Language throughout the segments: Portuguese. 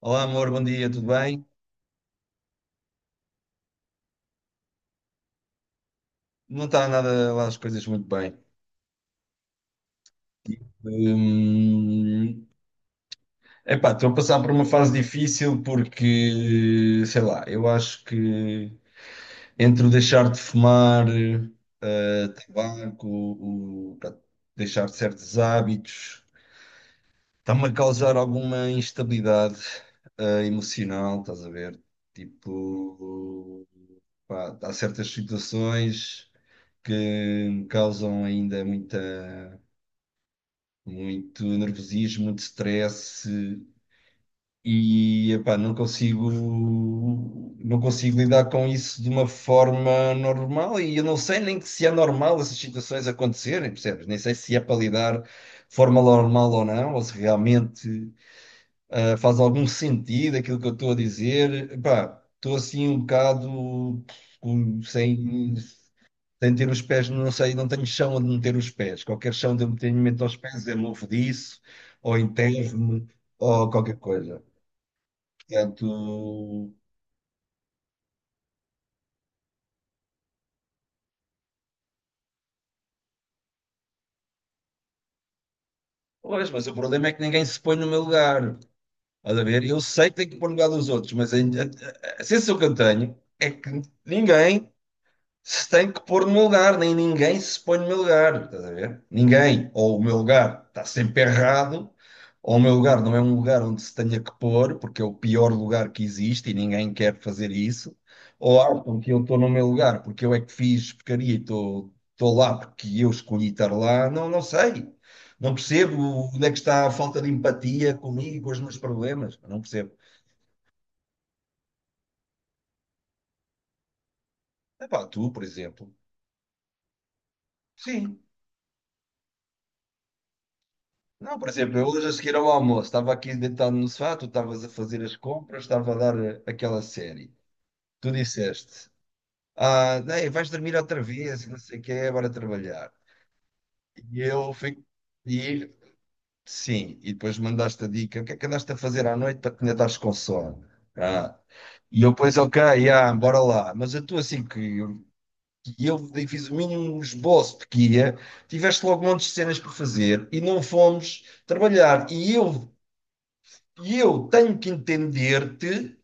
Olá, amor, bom dia, tudo bem? Não está nada lá as coisas muito bem. Hum, epá, estou a passar por uma fase difícil porque, sei lá, eu acho que entre o deixar de fumar, tabaco, o, pá, deixar certos hábitos, está-me a causar alguma instabilidade, emocional, estás a ver? Tipo, pá, há certas situações que me causam ainda muita. Muito nervosismo, muito stress e epá, não consigo lidar com isso de uma forma normal e eu não sei nem que se é normal essas situações acontecerem, percebes? Nem sei se é para lidar de forma normal ou não, ou se realmente faz algum sentido aquilo que eu estou a dizer. Epá, estou assim um bocado sem tenho de ter os pés, não sei, não tenho chão onde meter os pés. Qualquer chão onde eu me tenho meto os pés, é mofo disso, ou enterro-me, ou qualquer coisa. Portanto, pois, mas o problema é que ninguém se põe no meu lugar. Estás a ver? Eu sei que tenho que pôr no lugar dos outros, mas a sensação que eu tenho é que ninguém se tem que pôr no meu lugar, nem ninguém se põe no meu lugar, estás a ver? Ninguém. Ou o meu lugar está sempre errado, ou o meu lugar não é um lugar onde se tenha que pôr, porque é o pior lugar que existe e ninguém quer fazer isso, ou acham que eu estou no meu lugar porque eu é que fiz porcaria e estou lá porque eu escolhi estar lá, não, não sei. Não percebo onde é que está a falta de empatia comigo, com os meus problemas. Não percebo. Epá, tu, por exemplo. Sim. Não, por exemplo, eu hoje a seguir ao almoço estava aqui deitado no sofá, tu estavas a fazer as compras, estava a dar aquela série. Tu disseste, ah, ei, vais dormir outra vez, não sei o que é, agora trabalhar. E eu fico, e sim, e depois mandaste a dica, o que é que andaste a fazer à noite para que ainda estás com sono? Ah, e eu depois, ok, ah, bora lá. Mas a tua, assim, que eu fiz o mínimo esboço de que ia, tiveste logo um monte de cenas para fazer e não fomos trabalhar. E eu tenho que entender-te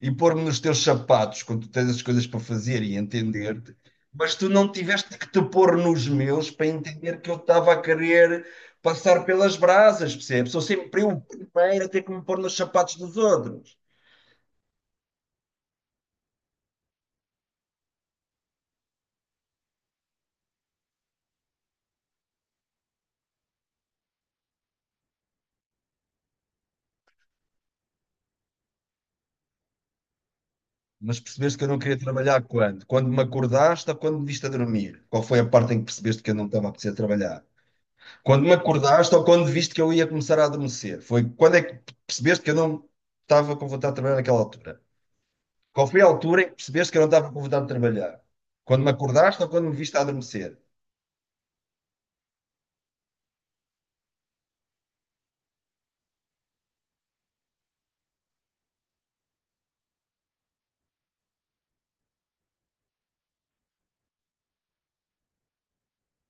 e pôr-me nos teus sapatos quando tu tens as coisas para fazer e entender-te, mas tu não tiveste que te pôr nos meus para entender que eu estava a querer passar pelas brasas, percebes? Sou sempre eu o primeiro a ter que me pôr nos sapatos dos outros. Mas percebeste que eu não queria trabalhar quando? Quando me acordaste ou quando me viste a dormir? Qual foi a parte em que percebeste que eu não estava a precisar trabalhar? Quando me acordaste ou quando viste que eu ia começar a adormecer? Foi quando é que percebeste que eu não estava com vontade de trabalhar naquela altura? Qual foi a altura em que percebeste que eu não estava com vontade de trabalhar? Quando me acordaste ou quando me viste a adormecer?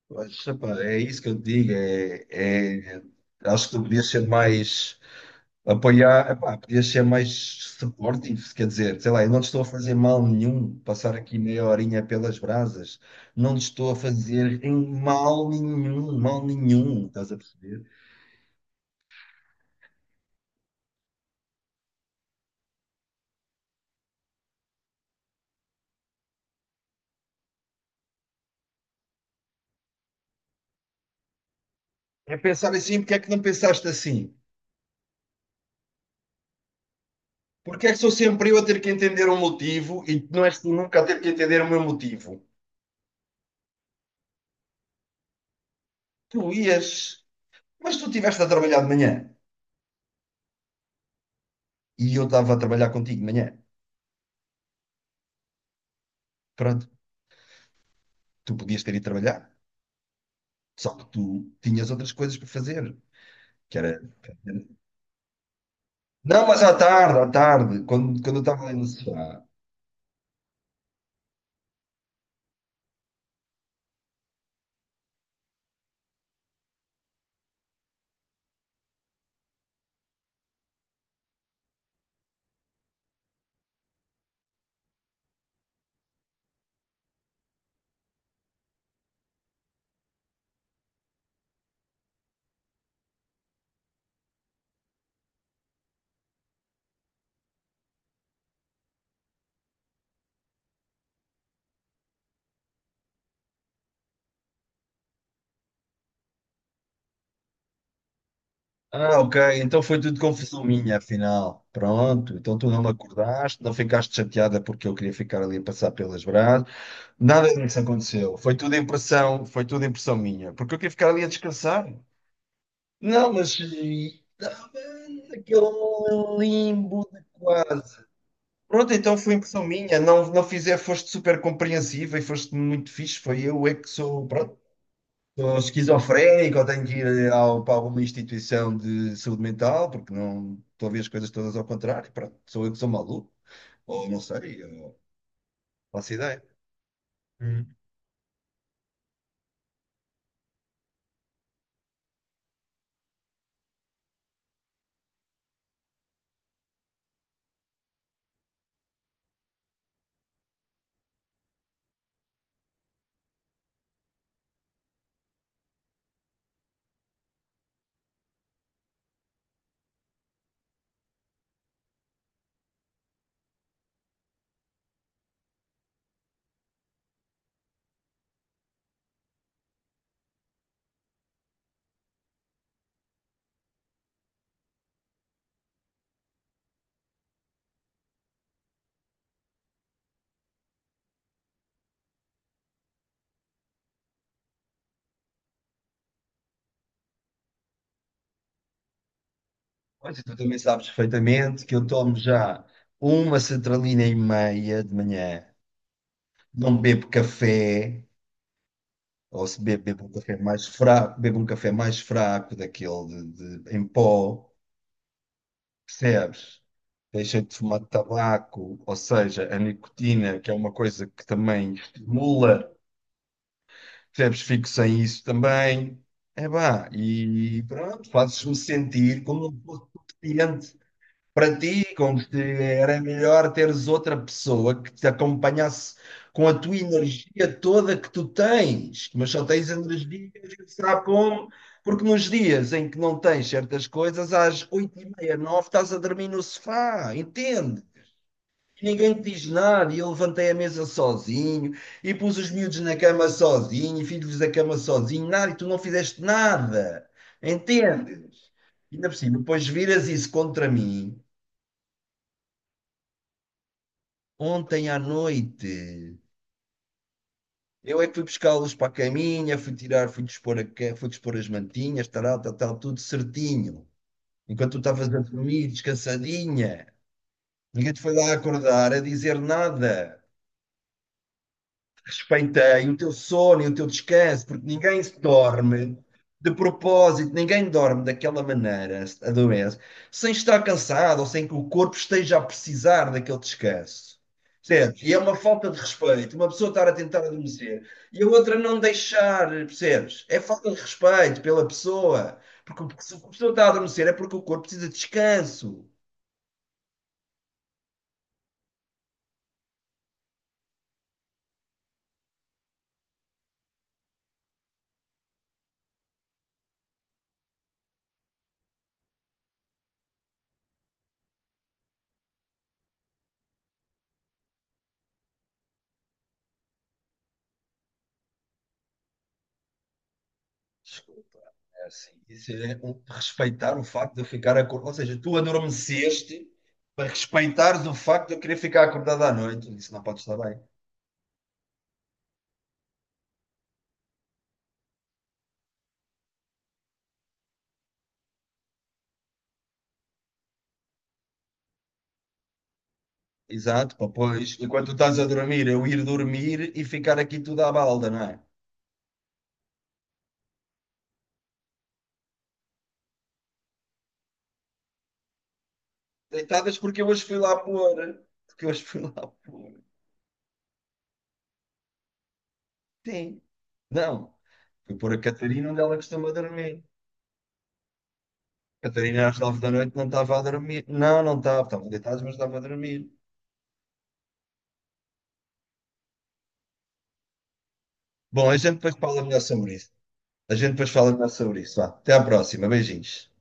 Mas, epá, é isso que eu te digo. Acho que tu podias ser mais apoiar, epá, podias ser mais supportive, quer dizer, sei lá, eu não te estou a fazer mal nenhum passar aqui meia horinha pelas brasas, não te estou a fazer em mal nenhum, estás a perceber? É pensar assim, porque é que não pensaste assim? Porque é que sou sempre eu a ter que entender um motivo e não és tu nunca a ter que entender o meu motivo? Tu ias, mas tu estiveste a trabalhar de manhã e eu estava a trabalhar contigo de manhã. Pronto, tu podias ter ido trabalhar, só que tu tinhas outras coisas para fazer, que era... Não, mas à tarde, quando, quando eu estava ali no sofá. Ah, ok, então foi tudo confusão minha, afinal. Pronto, então tu não me acordaste, não ficaste chateada porque eu queria ficar ali a passar pelas brasas. Nada disso aconteceu. Foi tudo impressão minha, porque eu queria ficar ali a descansar. Não, mas e, estava naquele limbo de quase. Pronto, então foi impressão minha. Não, não fizer, foste super compreensiva e foste muito fixe. Foi eu é que sou, pronto, sou esquizofrénico, ou tenho que ir ao, para alguma instituição de saúde mental, porque não estou a ver as coisas todas ao contrário. Pronto, sou eu que sou maluco, ou não sei, eu faço ideia. Hum. Mas tu também sabes perfeitamente que eu tomo já uma sertralina e meia de manhã, não bebo café. Ou se bebe, bebe um café mais fraco, bebe um café mais fraco, daquele de em pó, percebes? Deixa de fumar tabaco, ou seja, a nicotina, que é uma coisa que também estimula, percebes? Fico sem isso também. É pá, e pronto, fazes-me sentir como um pouco para ti, como se era melhor teres outra pessoa que te acompanhasse com a tua energia toda que tu tens, mas só tens energia, a gente sabe como, porque nos dias em que não tens certas coisas, às 8:30, 9, estás a dormir no sofá, entende? E ninguém te diz nada, e eu levantei a mesa sozinho, e pus os miúdos na cama sozinho, e fiz-lhes a cama sozinho, nada, e tu não fizeste nada, entende? Ainda por cima, depois viras isso contra mim. Ontem à noite, eu é que fui buscá-los para a caminha, fui tirar, fui dispor, fui dispor as mantinhas, tal, tal, tal, tudo certinho. Enquanto tu estavas a dormir, descansadinha. Ninguém te foi lá acordar a dizer nada. Respeitei o teu sono e o teu descanso, porque ninguém se dorme de propósito, ninguém dorme daquela maneira, adoece, sem estar cansado ou sem que o corpo esteja a precisar daquele descanso. Percebes? E é uma falta de respeito, uma pessoa estar a tentar adormecer e a outra não deixar, percebes? É falta de respeito pela pessoa, porque se a pessoa está a adormecer é porque o corpo precisa de descanso. Assim, isso é respeitar o facto de eu ficar acordado. Ou seja, tu adormeceste para respeitares o facto de eu querer ficar acordado à noite. Isso não pode estar bem. Exato, pá, pois. Enquanto tu estás a dormir, eu ir dormir e ficar aqui tudo à balda, não é? Deitadas porque eu hoje fui lá pôr. Porque eu hoje fui lá pôr. Sim. Não. Fui pôr a Catarina onde ela costuma dormir. Catarina às 9 da noite não estava a dormir. Não, não estava. Estava deitada, mas estava a dormir. Bom, a gente depois fala melhor sobre isso. A gente depois fala melhor sobre isso. Vá. Até à próxima. Beijinhos.